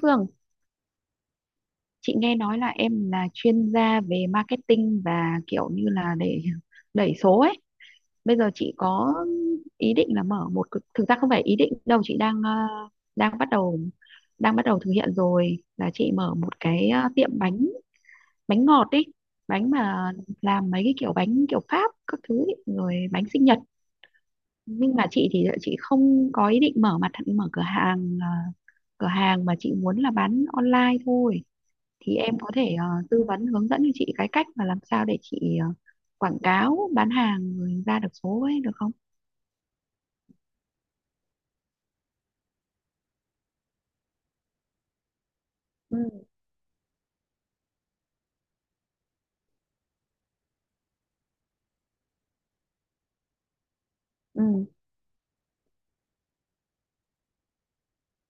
Phương, chị nghe nói là em là chuyên gia về marketing và kiểu như là để đẩy số ấy. Bây giờ chị có ý định là mở thực ra không phải ý định đâu, chị đang bắt đầu đang bắt đầu thực hiện rồi, là chị mở một cái, tiệm bánh, bánh ngọt ấy, bánh mà làm mấy cái kiểu bánh kiểu Pháp các thứ ấy, rồi bánh sinh nhật. Nhưng mà chị thì chị không có ý định mở cửa hàng, cửa hàng mà chị muốn là bán online thôi, thì em có thể tư vấn hướng dẫn cho chị cái cách mà làm sao để chị quảng cáo bán hàng rồi ra được số ấy, được không? Ừ, ừ,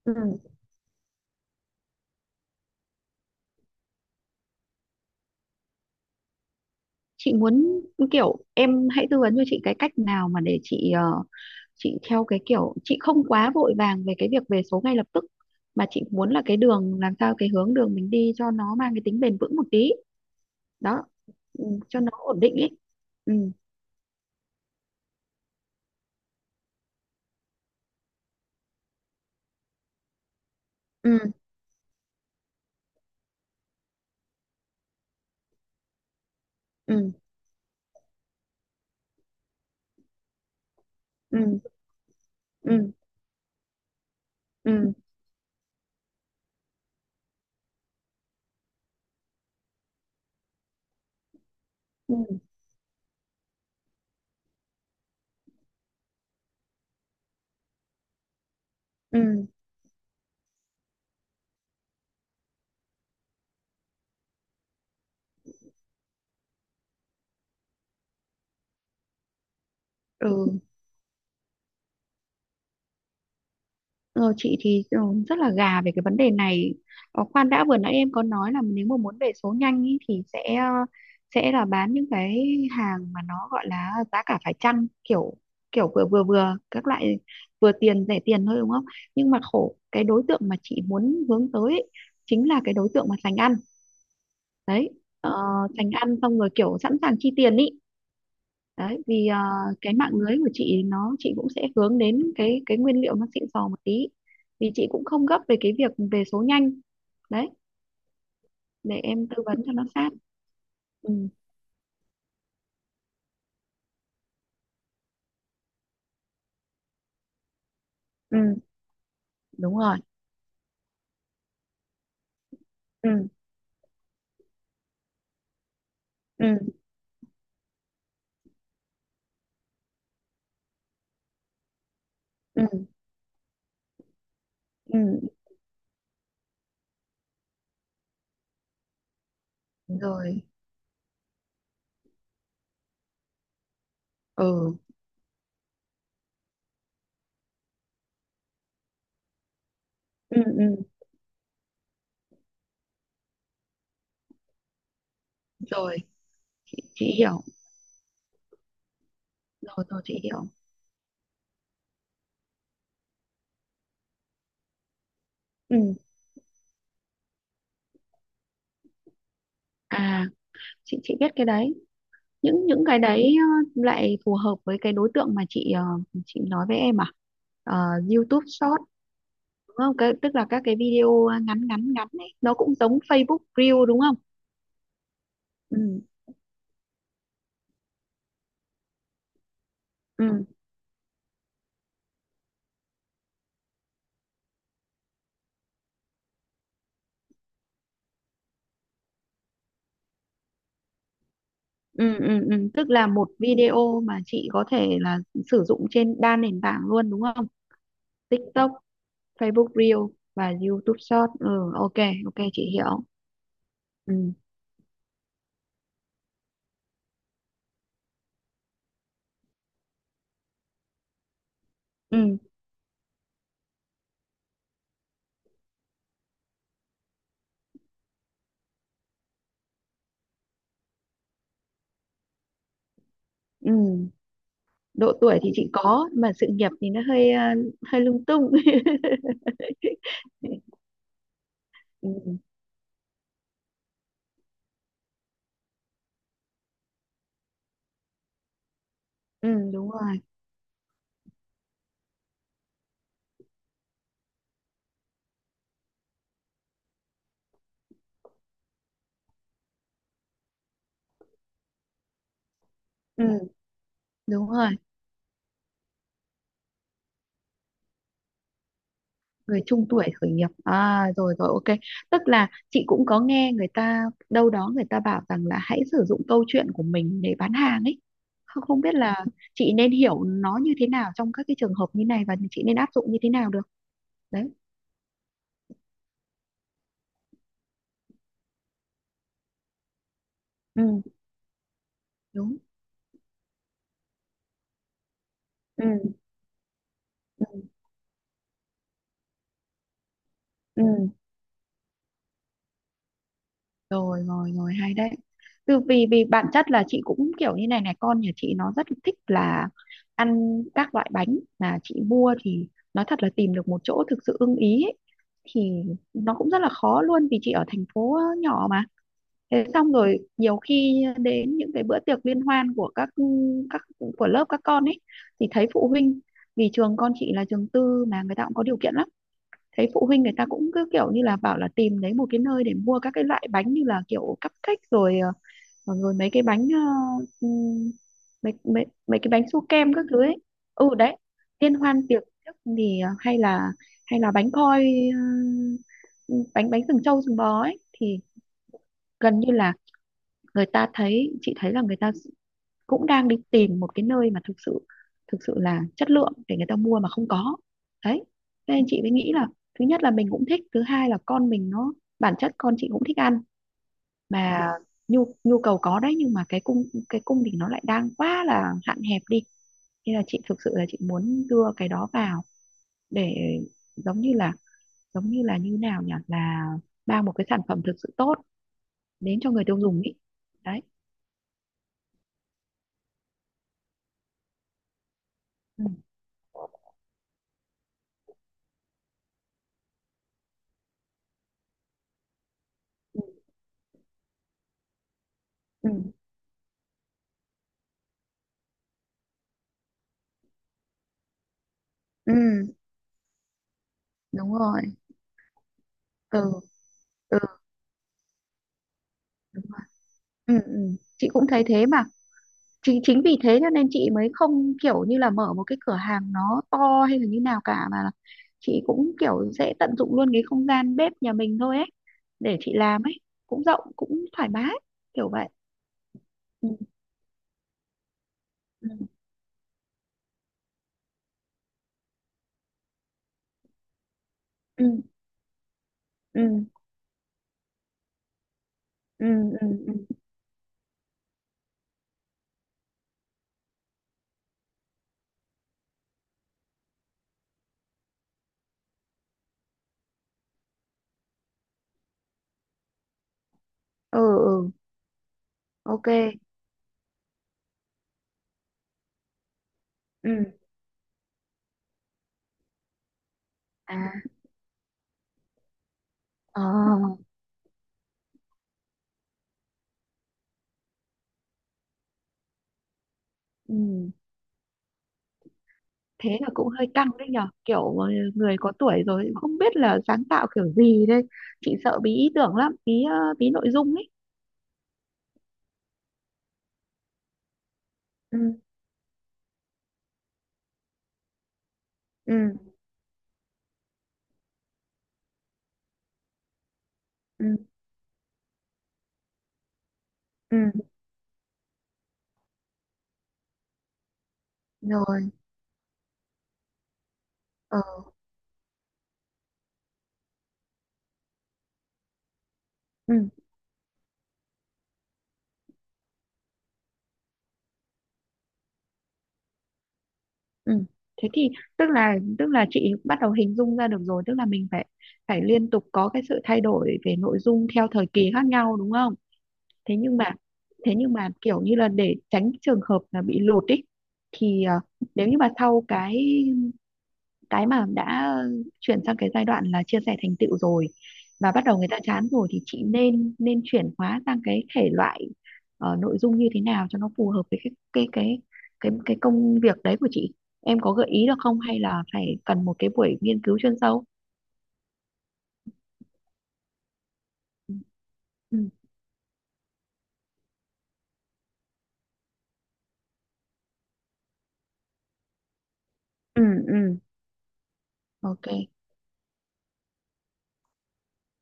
ừ. Chị muốn kiểu em hãy tư vấn cho chị cái cách nào mà để chị theo cái kiểu chị không quá vội vàng về cái việc về số ngay lập tức, mà chị muốn là cái đường làm sao, cái hướng đường mình đi cho nó mang cái tính bền vững một tí đó, ừ, cho nó ổn định ấy. Ừ, ừ, ừ, ừ, ừ, ừ, ừ, ừ, ừ. Ờ, chị thì rất là gà về cái vấn đề này. Khoan đã, vừa nãy em có nói là nếu mà muốn về số nhanh ý, thì sẽ là bán những cái hàng mà nó gọi là giá cả phải chăng, kiểu kiểu vừa vừa vừa các loại, vừa tiền rẻ tiền thôi, đúng không? Nhưng mà khổ, cái đối tượng mà chị muốn hướng tới ý, chính là cái đối tượng mà sành ăn đấy, ờ, sành ăn xong rồi kiểu sẵn sàng chi tiền ý đấy, vì cái mạng lưới của chị nó, chị cũng sẽ hướng đến cái nguyên liệu nó xịn sò một tí, vì chị cũng không gấp về cái việc về số nhanh đấy, để em tư vấn cho nó sát. Ừ, ừ, đúng rồi. Ừ, ừ, ừ, ừ, rồi. Ừ, ừ, ừ, rồi chị hiểu. Rồi, rồi, chị hiểu. Ừ, à, chị biết cái đấy, những cái đấy lại phù hợp với cái đối tượng mà chị nói với em à. Ờ, YouTube Short, đúng không? Tức là các cái video ngắn ngắn ngắn này nó cũng giống Facebook Reel, đúng không? Ừ, ừ, ừ, ừ, ừ. Tức là một video mà chị có thể là sử dụng trên đa nền tảng luôn, đúng không? TikTok, Facebook Reel và YouTube Short. Ừ, ok, ok chị hiểu. Ừ, ừ, ừ. Độ tuổi thì chị có, mà sự nghiệp thì nó hơi hơi lung tung. Ừ, ừ, đúng rồi. Ừ, đúng rồi. Người trung tuổi khởi nghiệp à? Rồi, rồi, ok. Tức là chị cũng có nghe người ta đâu đó, người ta bảo rằng là hãy sử dụng câu chuyện của mình để bán hàng ấy, không không biết là chị nên hiểu nó như thế nào trong các cái trường hợp như này, và chị nên áp dụng như thế nào được đấy. Ừ, đúng. Ừ, ừ, ừ. Rồi, rồi, rồi, hay đấy. Từ vì vì bản chất là chị cũng kiểu như này này, con nhà chị nó rất thích là ăn các loại bánh mà chị mua thì, nói thật là tìm được một chỗ thực sự ưng ý ấy, thì nó cũng rất là khó luôn, vì chị ở thành phố nhỏ mà. Thế xong rồi nhiều khi đến những cái bữa tiệc liên hoan của các các của lớp các con ấy, thì thấy phụ huynh, vì trường con chị là trường tư mà người ta cũng có điều kiện lắm, thấy phụ huynh người ta cũng cứ kiểu như là bảo là tìm đấy một cái nơi để mua các cái loại bánh như là kiểu cupcake rồi, rồi mấy cái bánh, mấy mấy mấy cái bánh su kem các thứ ấy. Ừ, đấy, liên hoan tiệc trước thì hay là bánh khoi, ờ, bánh bánh sừng trâu sừng bò ấy, thì gần như là người ta thấy chị thấy là người ta cũng đang đi tìm một cái nơi mà thực sự, thực sự là chất lượng, để người ta mua mà không có đấy. Nên chị mới nghĩ là thứ nhất là mình cũng thích, thứ hai là con mình nó, bản chất con chị cũng thích ăn mà, nhu nhu cầu có đấy, nhưng mà cái cung thì nó lại đang quá là hạn hẹp đi, nên là chị thực sự là chị muốn đưa cái đó vào, để giống như là, như nào nhỉ, là mang một cái sản phẩm thực sự tốt đến cho người tiêu dùng ý, đấy. Ừ. Ừ. Ừ. Ừ. Đúng rồi, từ từ, đúng. Ừ, ừ. Chị cũng thấy thế mà, chính chính vì thế cho nên chị mới không kiểu như là mở một cái cửa hàng nó to hay là như nào cả, mà là chị cũng kiểu sẽ tận dụng luôn cái không gian bếp nhà mình thôi ấy, để chị làm ấy, cũng rộng cũng thoải mái, kiểu vậy. Ừ, ừ, ừ, ừ, ừ, ừ, ừ, ừ, ừ, ok, ừ, à, ờ, ừ. Thế là cũng hơi căng đấy nhở, kiểu người có tuổi rồi không biết là sáng tạo kiểu gì đây, chị sợ bí ý tưởng lắm, bí nội dung ấy. Ừ, ừ, ừ, ừ, rồi, ờ, ừ, ừ. Thế thì, tức là chị bắt đầu hình dung ra được rồi, tức là mình phải phải liên tục có cái sự thay đổi về nội dung theo thời kỳ khác nhau, đúng không? Thế nhưng mà thế nhưng mà kiểu như là để tránh trường hợp là bị lụt ý thì nếu như mà sau cái mà đã chuyển sang cái giai đoạn là chia sẻ thành tựu rồi và bắt đầu người ta chán rồi, thì chị nên nên chuyển hóa sang cái thể loại nội dung như thế nào cho nó phù hợp với cái công việc đấy của chị, em có gợi ý được không, hay là phải cần một cái buổi nghiên cứu chuyên sâu? Ừ, ừ, ừ, ừ, ok,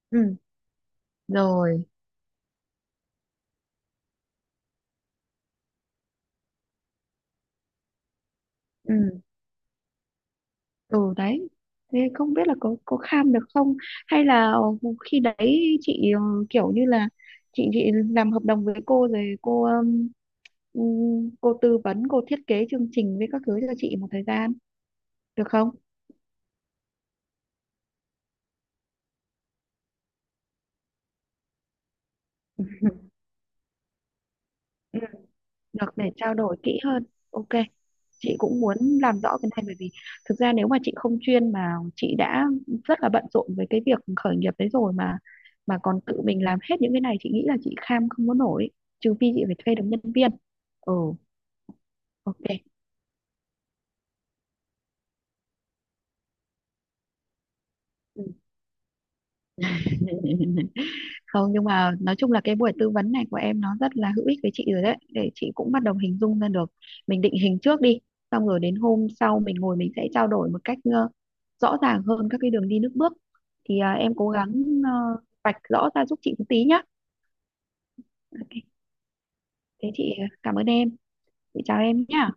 ừ, rồi, ừ, ừ, đấy. Thế không biết là có kham được không, hay là khi đấy chị kiểu như là chị làm hợp đồng với cô rồi, cô tư vấn, cô thiết kế chương trình với các thứ cho chị một thời gian, được không? Ừ, được, để trao đổi kỹ hơn, ok. Chị cũng muốn làm rõ cái này, bởi vì thực ra nếu mà chị không chuyên mà chị đã rất là bận rộn với cái việc khởi nghiệp đấy rồi, mà còn tự mình làm hết những cái này, chị nghĩ là chị kham không có nổi, trừ phi chị phải thuê được nhân viên. Ừ, ok, ừ. Không, nhưng mà nói chung là cái buổi tư vấn này của em nó rất là hữu ích với chị rồi đấy, để chị cũng bắt đầu hình dung ra được, mình định hình trước đi, xong rồi đến hôm sau mình ngồi mình sẽ trao đổi một cách rõ ràng hơn các cái đường đi nước bước, thì à, em cố gắng ờ, vạch rõ ra giúp chị một tí nhá. Ok, thế chị à, cảm ơn em, chị chào em nhá.